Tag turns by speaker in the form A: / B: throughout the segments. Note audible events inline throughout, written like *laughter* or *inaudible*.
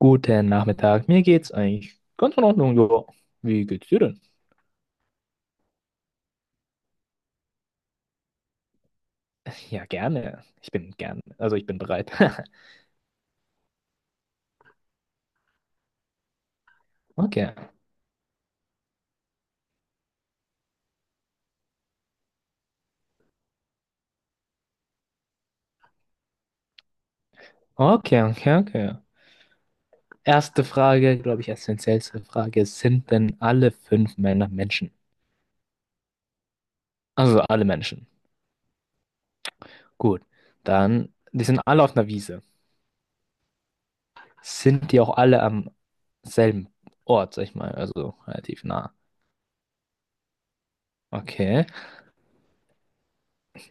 A: Guten Nachmittag, mir geht's eigentlich ganz in Ordnung, ja. Wie geht's dir denn? Ja, gerne. Also ich bin bereit. *laughs* Okay, okay, okay, okay. Erste Frage, glaube ich, essentiellste Frage. Sind denn alle fünf Männer Menschen? Also alle Menschen. Gut, dann, die sind alle auf einer Wiese. Sind die auch alle am selben Ort, sag ich mal, also relativ nah. Okay,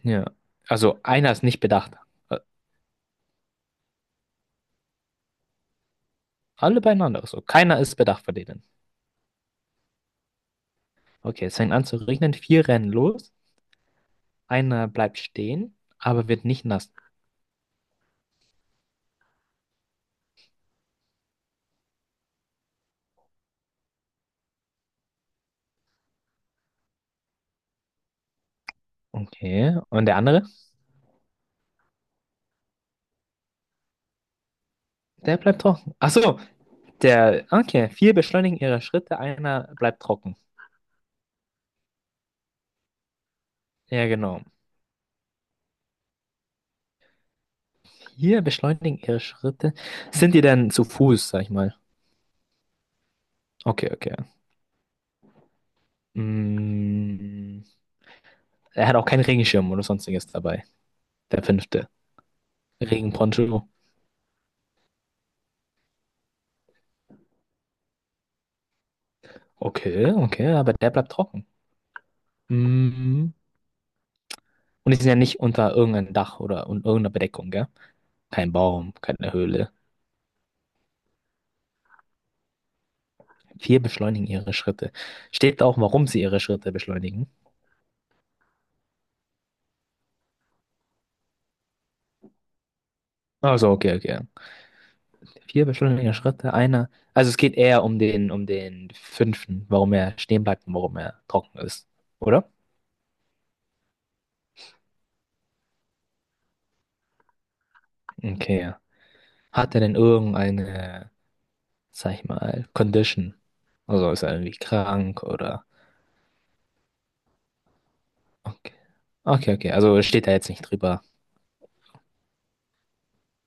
A: ja. Also einer ist nicht bedacht. Äh, Alle beieinander, also keiner ist bedacht von denen. Okay, es fängt an zu regnen, vier rennen los, einer bleibt stehen, aber wird nicht nass. Okay, und der andere? Der bleibt trocken. Ach so, okay, vier beschleunigen ihre Schritte, einer bleibt trocken. Ja, genau. Vier beschleunigen ihre Schritte. Sind die denn zu Fuß, sag ich mal? Okay, okay. Mm, er hat auch keinen Regenschirm oder sonstiges dabei. Der fünfte. Regenponcho. Okay, okay, aber der bleibt trocken. Mm. Und die sind ja nicht unter irgendeinem Dach oder irgendeiner Bedeckung, gell? Kein Baum, keine Höhle. Vier beschleunigen ihre Schritte. Steht auch, warum sie ihre Schritte beschleunigen. Also, okay, okay. Vier beschleunigen ihre Schritte, einer. Also es geht eher um den fünften, warum er stehen bleibt und warum er trocken ist. Oder? Okay. Ja. Hat er denn irgendeine, sag ich mal, Condition? Also ist er irgendwie krank oder. Okay. Okay, okay. Also steht da jetzt nicht drüber.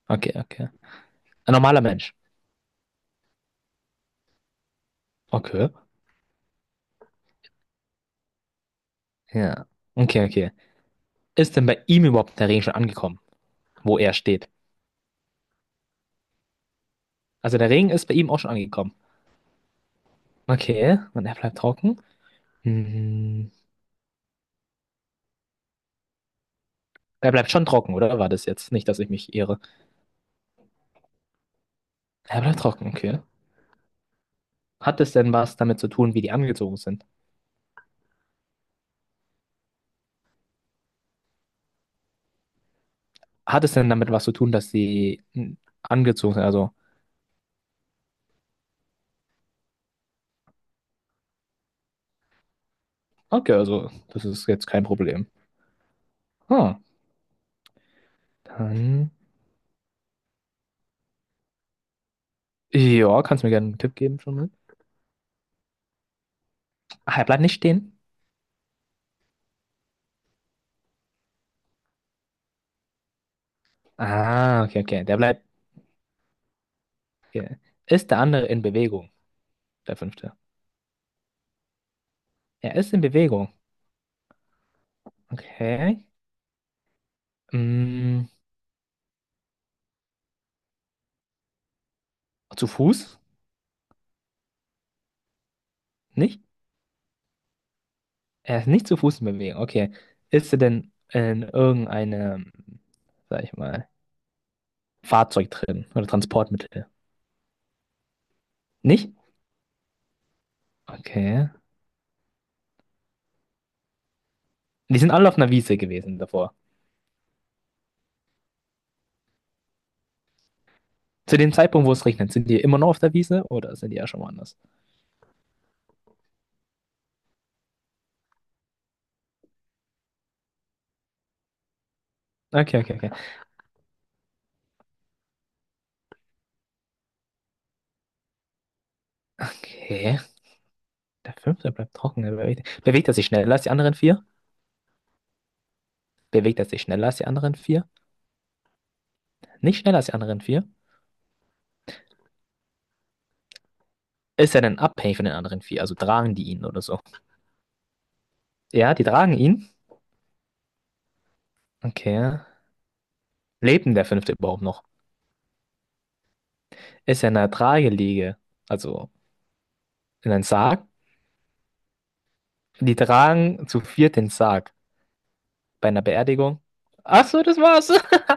A: Okay, okay. Ein normaler Mensch. Okay. Ja. Okay, okay. Ist denn bei ihm überhaupt der Regen schon angekommen, wo er steht? Also der Regen ist bei ihm auch schon angekommen. Okay, und er bleibt trocken. Hm. Er bleibt schon trocken, oder war das jetzt? Nicht, dass ich mich irre. Er bleibt trocken, okay. Hat es denn was damit zu tun, wie die angezogen sind? Hat es denn damit was zu tun, dass sie angezogen sind? Also, okay, also, das ist jetzt kein Problem. Ah, dann. Ja, kannst du mir gerne einen Tipp geben schon mal? Ach, er bleibt nicht stehen? Ah, okay, okay. Der bleibt. Okay. Ist der andere in Bewegung? Der fünfte. Er ist in Bewegung. Okay. Mm, Zu Fuß? Nicht? Er ist nicht zu Fuß in Bewegung. Okay. Ist er denn in irgendeinem, sag ich mal, Fahrzeug drin oder Transportmittel? Nicht? Okay. Die sind alle auf einer Wiese gewesen davor. Zu dem Zeitpunkt, wo es regnet, sind die immer noch auf der Wiese oder sind die ja schon woanders? Okay, okay, okay. Okay. Der fünfte bleibt trocken. Bewegt er sich schneller als die anderen vier? Bewegt er sich schneller als die anderen vier? Nicht schneller als die anderen vier? Ist er denn abhängig von den anderen vier? Also tragen die ihn oder so? Ja, die tragen ihn. Okay. Lebt denn der Fünfte überhaupt noch? Ist er in einer Trageliege, also in einem Sarg? Die tragen zu viert den Sarg bei einer Beerdigung. Ach so, das war's. *laughs*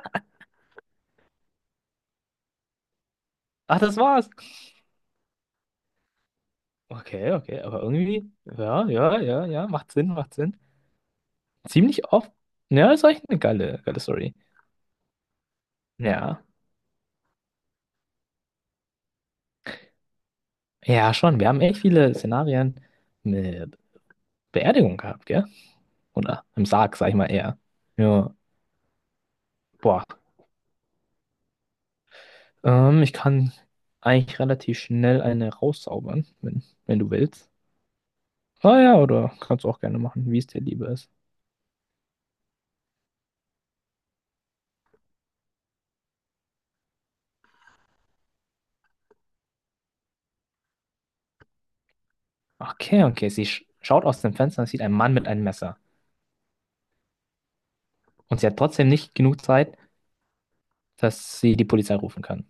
A: Ach, das war's. Okay, okay, aber irgendwie, ja, ja, ja, ja, macht Sinn, macht Sinn. Ziemlich oft. Ja, ist echt eine geile, geile Story. Ja, ja, schon. Wir haben echt viele Szenarien mit Beerdigung gehabt, gell? Oder im Sarg, sag ich mal eher. Ja, boah, ich kann eigentlich relativ schnell eine rauszaubern, wenn du willst. Ah ja, oder kannst du auch gerne machen, wie es dir lieber ist. Okay, okay. Sie schaut aus dem Fenster und sieht einen Mann mit einem Messer. Und sie hat trotzdem nicht genug Zeit, dass sie die Polizei rufen kann.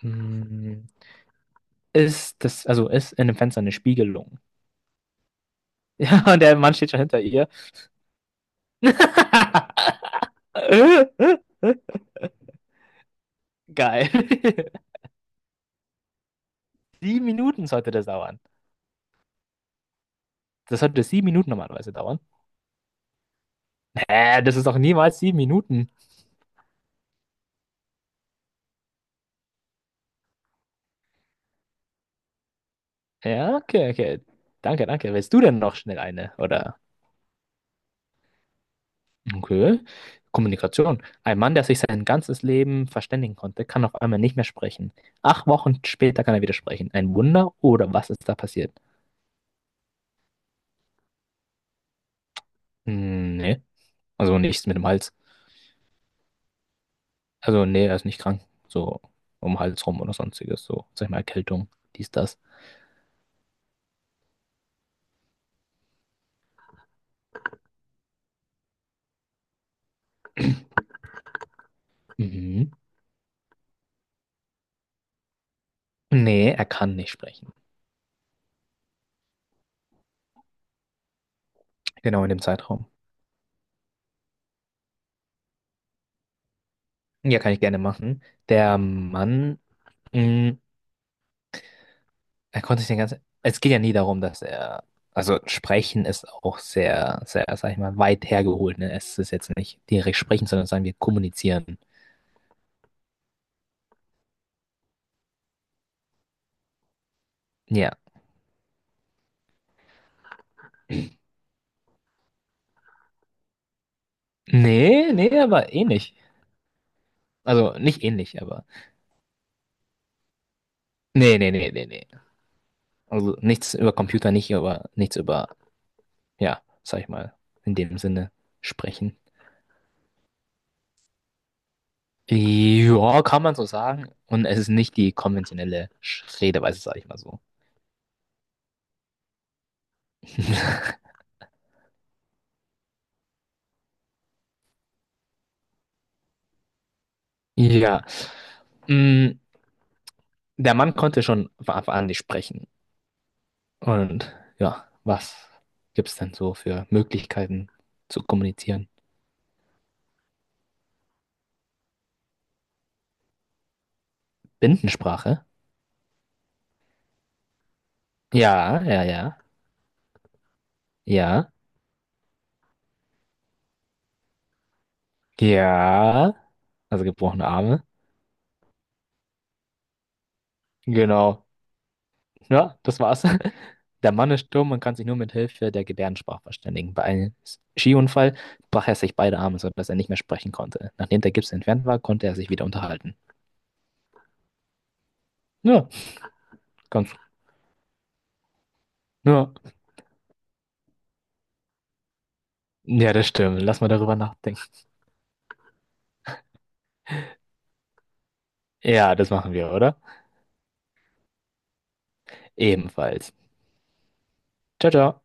A: Hm, also ist in dem Fenster eine Spiegelung? *laughs* Ja, und der Mann steht schon hinter ihr. *laughs* Geil. *laughs* 7 Minuten sollte das dauern. Das sollte 7 Minuten normalerweise dauern. Das ist doch niemals 7 Minuten. Ja, okay, okay. Danke, danke. Willst du denn noch schnell eine? Oder? Okay. Kommunikation. Ein Mann, der sich sein ganzes Leben verständigen konnte, kann auf einmal nicht mehr sprechen. 8 Wochen später kann er wieder sprechen. Ein Wunder oder was ist da passiert? Hm, nee. Also nichts mit dem Hals. Also nee, er ist nicht krank. So um den Hals rum oder sonstiges. So, sag ich mal, Erkältung, dies, das. Mhm. Nee, er kann nicht sprechen. Genau in dem Zeitraum. Ja, kann ich gerne machen. Der Mann. hm, Er konnte sich den ganzen. Es geht ja nie darum, dass er. Also sprechen ist auch sehr, sehr, sag ich mal, weit hergeholt. Ne? Es ist jetzt nicht direkt sprechen, sondern sagen wir kommunizieren. Ja. Nee, nee, aber ähnlich. Also nicht ähnlich, aber. Nee, nee, nee, nee, nee. Also nichts über Computer, nicht über nichts über, ja, sag ich mal, in dem Sinne sprechen. Ja, kann man so sagen. Und es ist nicht die konventionelle Redeweise, sag ich mal so. *laughs* Ja. Mm, Der Mann konnte schon von Anfang an nicht sprechen. Und ja, was gibt's denn so für Möglichkeiten zu kommunizieren? Bindensprache? Ja, ja, ja, ja, ja. Also gebrochene Arme. Genau. Ja, das war's. *laughs* Der Mann ist stumm und kann sich nur mit Hilfe der Gebärdensprache verständigen. Bei einem Skiunfall brach er sich beide Arme, sodass er nicht mehr sprechen konnte. Nachdem der Gips entfernt war, konnte er sich wieder unterhalten. Ja, ganz. Ja. Ja, das stimmt. Lass mal darüber nachdenken. Ja, das machen wir, oder? Ebenfalls. Ciao, ciao.